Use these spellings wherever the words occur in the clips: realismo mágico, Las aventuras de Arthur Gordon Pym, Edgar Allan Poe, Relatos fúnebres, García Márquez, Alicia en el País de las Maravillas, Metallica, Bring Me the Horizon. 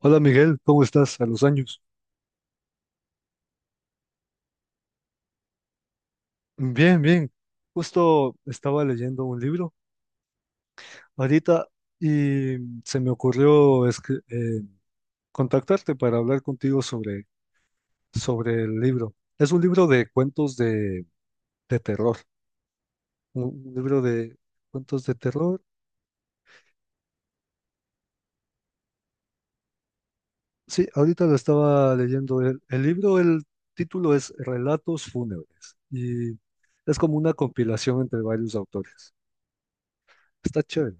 Hola Miguel, ¿cómo estás? A los años. Bien, bien. Justo estaba leyendo un libro ahorita y se me ocurrió contactarte para hablar contigo sobre el libro. Es un libro de cuentos de terror. Un libro de cuentos de terror. Sí, ahorita lo estaba leyendo. El libro, el título es Relatos fúnebres y es como una compilación entre varios autores. Está chévere.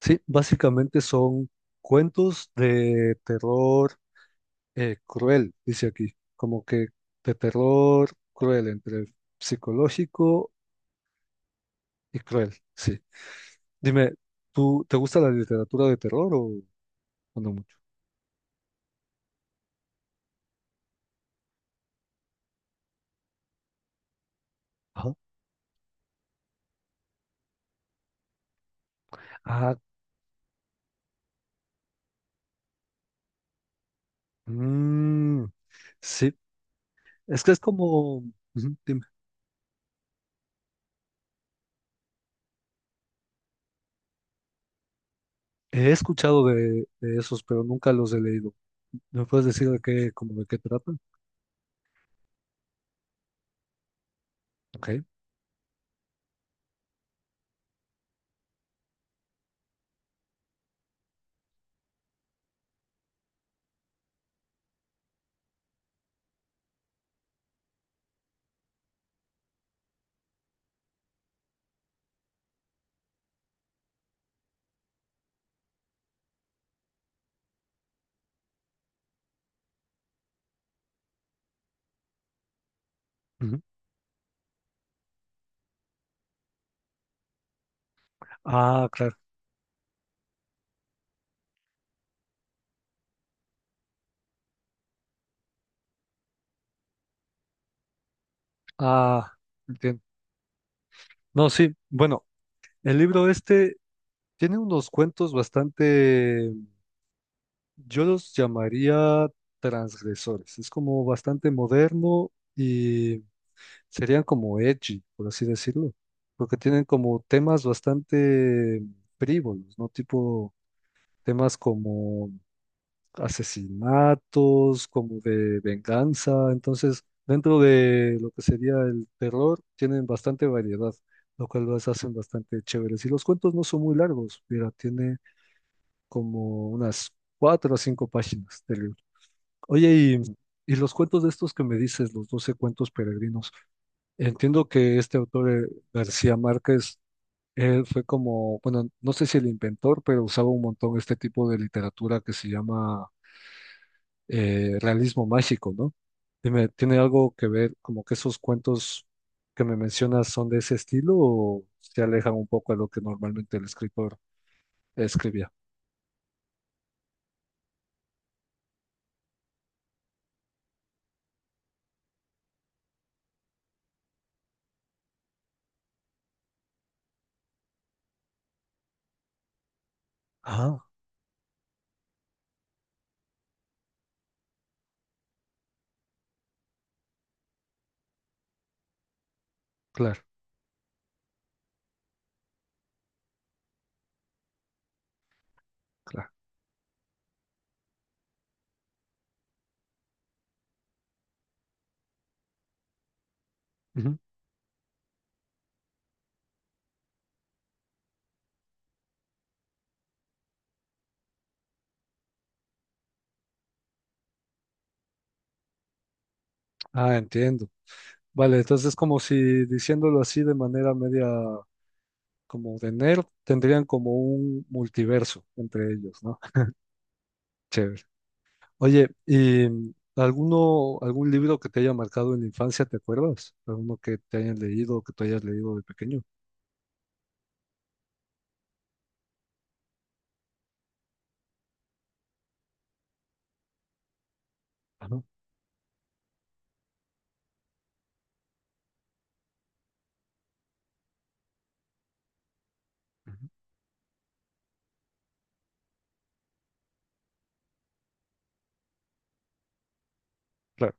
Sí, básicamente son cuentos de terror cruel, dice aquí, como que de terror cruel, entre psicológico y cruel, sí. Dime, ¿tú te gusta la literatura de terror o no mucho? Ajá. Ah, mm, sí, es que es como, ujú, dime, he escuchado de esos, pero nunca los he leído. ¿Me puedes decir de qué, como de qué tratan? Ok. Ujú. Ah, claro. Ah, entiendo. No, sí, bueno. El libro este tiene unos cuentos bastante, yo los llamaría transgresores. Es como bastante moderno y serían como edgy, por así decirlo, porque tienen como temas bastante frívolos, ¿no? Tipo temas como asesinatos, como de venganza. Entonces, dentro de lo que sería el terror, tienen bastante variedad, lo cual los hacen bastante chéveres. Y los cuentos no son muy largos, mira, tiene como unas cuatro o cinco páginas del libro. Oye, y los cuentos de estos que me dices, los 12 cuentos peregrinos, entiendo que este autor, García Márquez, él fue como, bueno, no sé si el inventor, pero usaba un montón este tipo de literatura que se llama realismo mágico, ¿no? Dime, ¿tiene algo que ver como que esos cuentos que me mencionas son de ese estilo o se alejan un poco a lo que normalmente el escritor escribía? Ah, claro, claro. Ah, entiendo. Vale, entonces como si diciéndolo así de manera media como de nerd, tendrían como un multiverso entre ellos, ¿no? Chévere. Oye, ¿y alguno, algún libro que te haya marcado en la infancia, te acuerdas? ¿Alguno que te hayan leído o que tú hayas leído de pequeño? Ah, ¿no? Ujú. Claro.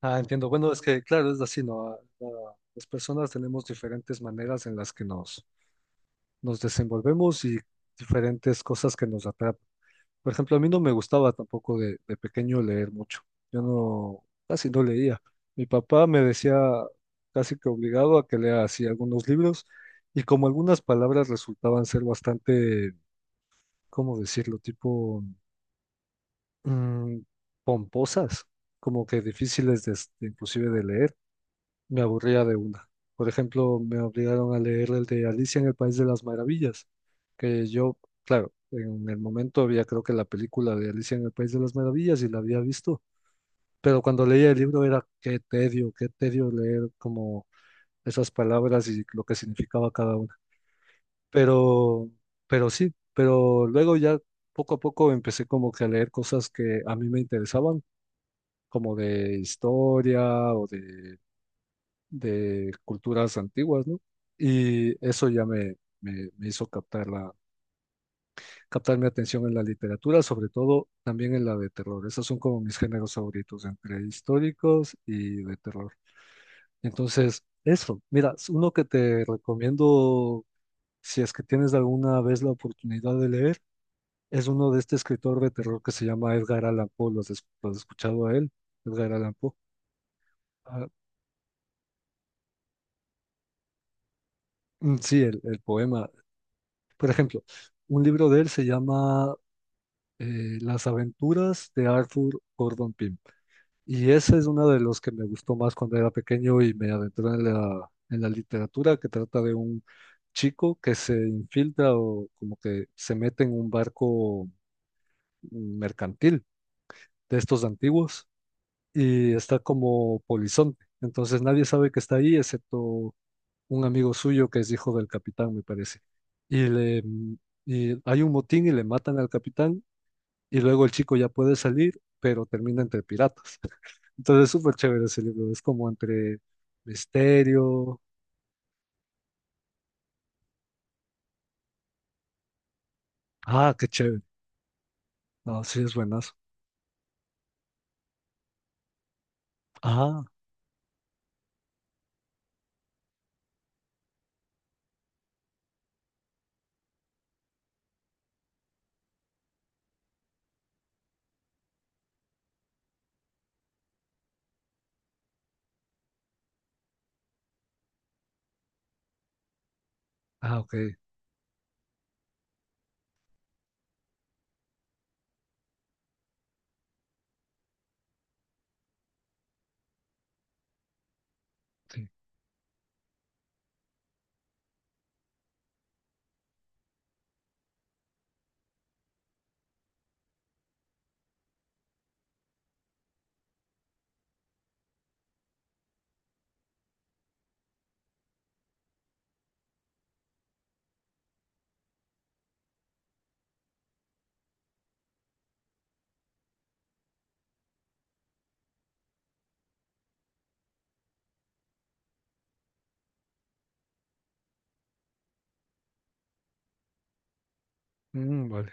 Ah, entiendo. Bueno, es que claro, es así, ¿no? Ah, ah, las personas tenemos diferentes maneras en las que nos, nos desenvolvemos y diferentes cosas que nos atrapan. Por ejemplo, a mí no me gustaba tampoco de pequeño leer mucho. Yo no, casi no leía. Mi papá me decía casi que obligado a que lea así algunos libros y como algunas palabras resultaban ser bastante, ¿cómo decirlo? Tipo mm, pomposas, como que difíciles de, inclusive de leer me aburría de una. Por ejemplo, me obligaron a leer el de Alicia en el País de las Maravillas, que yo, claro, en el momento había creo que la película de Alicia en el País de las Maravillas y la había visto, pero cuando leía el libro era qué tedio leer como esas palabras y lo que significaba cada una. Pero, pero sí, pero luego ya poco a poco empecé como que a leer cosas que a mí me interesaban, como de historia o de culturas antiguas, ¿no? Y eso ya me hizo captar captar mi atención en la literatura, sobre todo también en la de terror. Esos son como mis géneros favoritos, entre históricos y de terror. Entonces, eso, mira, es uno que te recomiendo, si es que tienes alguna vez la oportunidad de leer, es uno de este escritor de terror que se llama Edgar Allan Poe. ¿Lo has, lo has escuchado a él? Edgar Allan Poe. Ah, sí, el poema. Por ejemplo, un libro de él se llama Las aventuras de Arthur Gordon Pym. Y ese es uno de los que me gustó más cuando era pequeño y me adentré en en la literatura, que trata de un chico que se infiltra o como que se mete en un barco mercantil de estos antiguos y está como polizonte. Entonces nadie sabe que está ahí excepto un amigo suyo que es hijo del capitán, me parece. Y le... Y hay un motín y le matan al capitán y luego el chico ya puede salir, pero termina entre piratas. Entonces es súper chévere ese libro, es como entre misterio. Ah, qué chévere. No, sí, es buenazo. Ah, ah, ok, sí. Vale,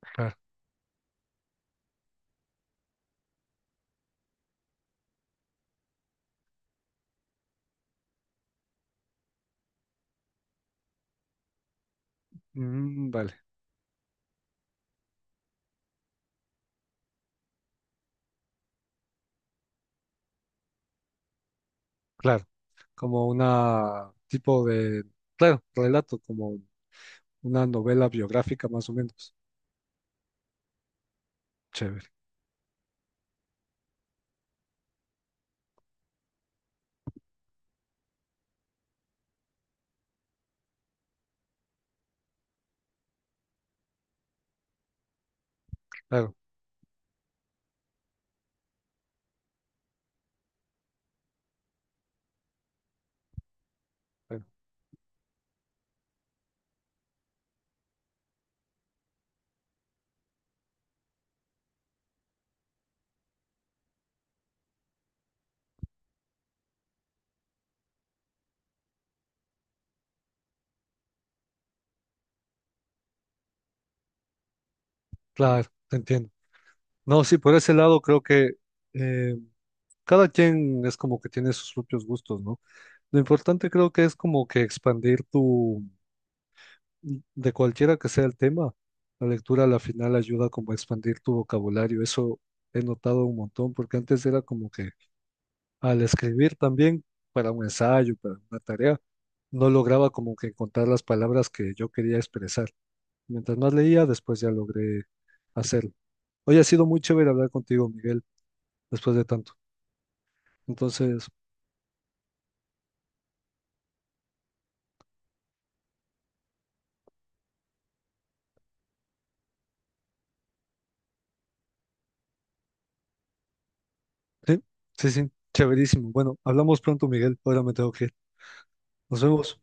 claro. Vale, claro. Como una tipo de, claro, relato, como una novela biográfica más o menos. Chévere, claro, claro, claro, te entiendo. No, sí, por ese lado creo que eh, cada quien es como que tiene sus propios gustos, ¿no? Lo importante creo que es como que expandir tu, de cualquiera que sea el tema, la lectura a la final ayuda como a expandir tu vocabulario. Eso he notado un montón, porque antes era como que al escribir también para un ensayo, para una tarea, no lograba como que encontrar las palabras que yo quería expresar. Mientras más leía, después ya logré hacerlo. Hoy ha sido muy chévere hablar contigo, Miguel, después de tanto. Entonces, sí, sí, sí, chéverísimo. Bueno, hablamos pronto, Miguel. Ahora me tengo que ir. Nos vemos.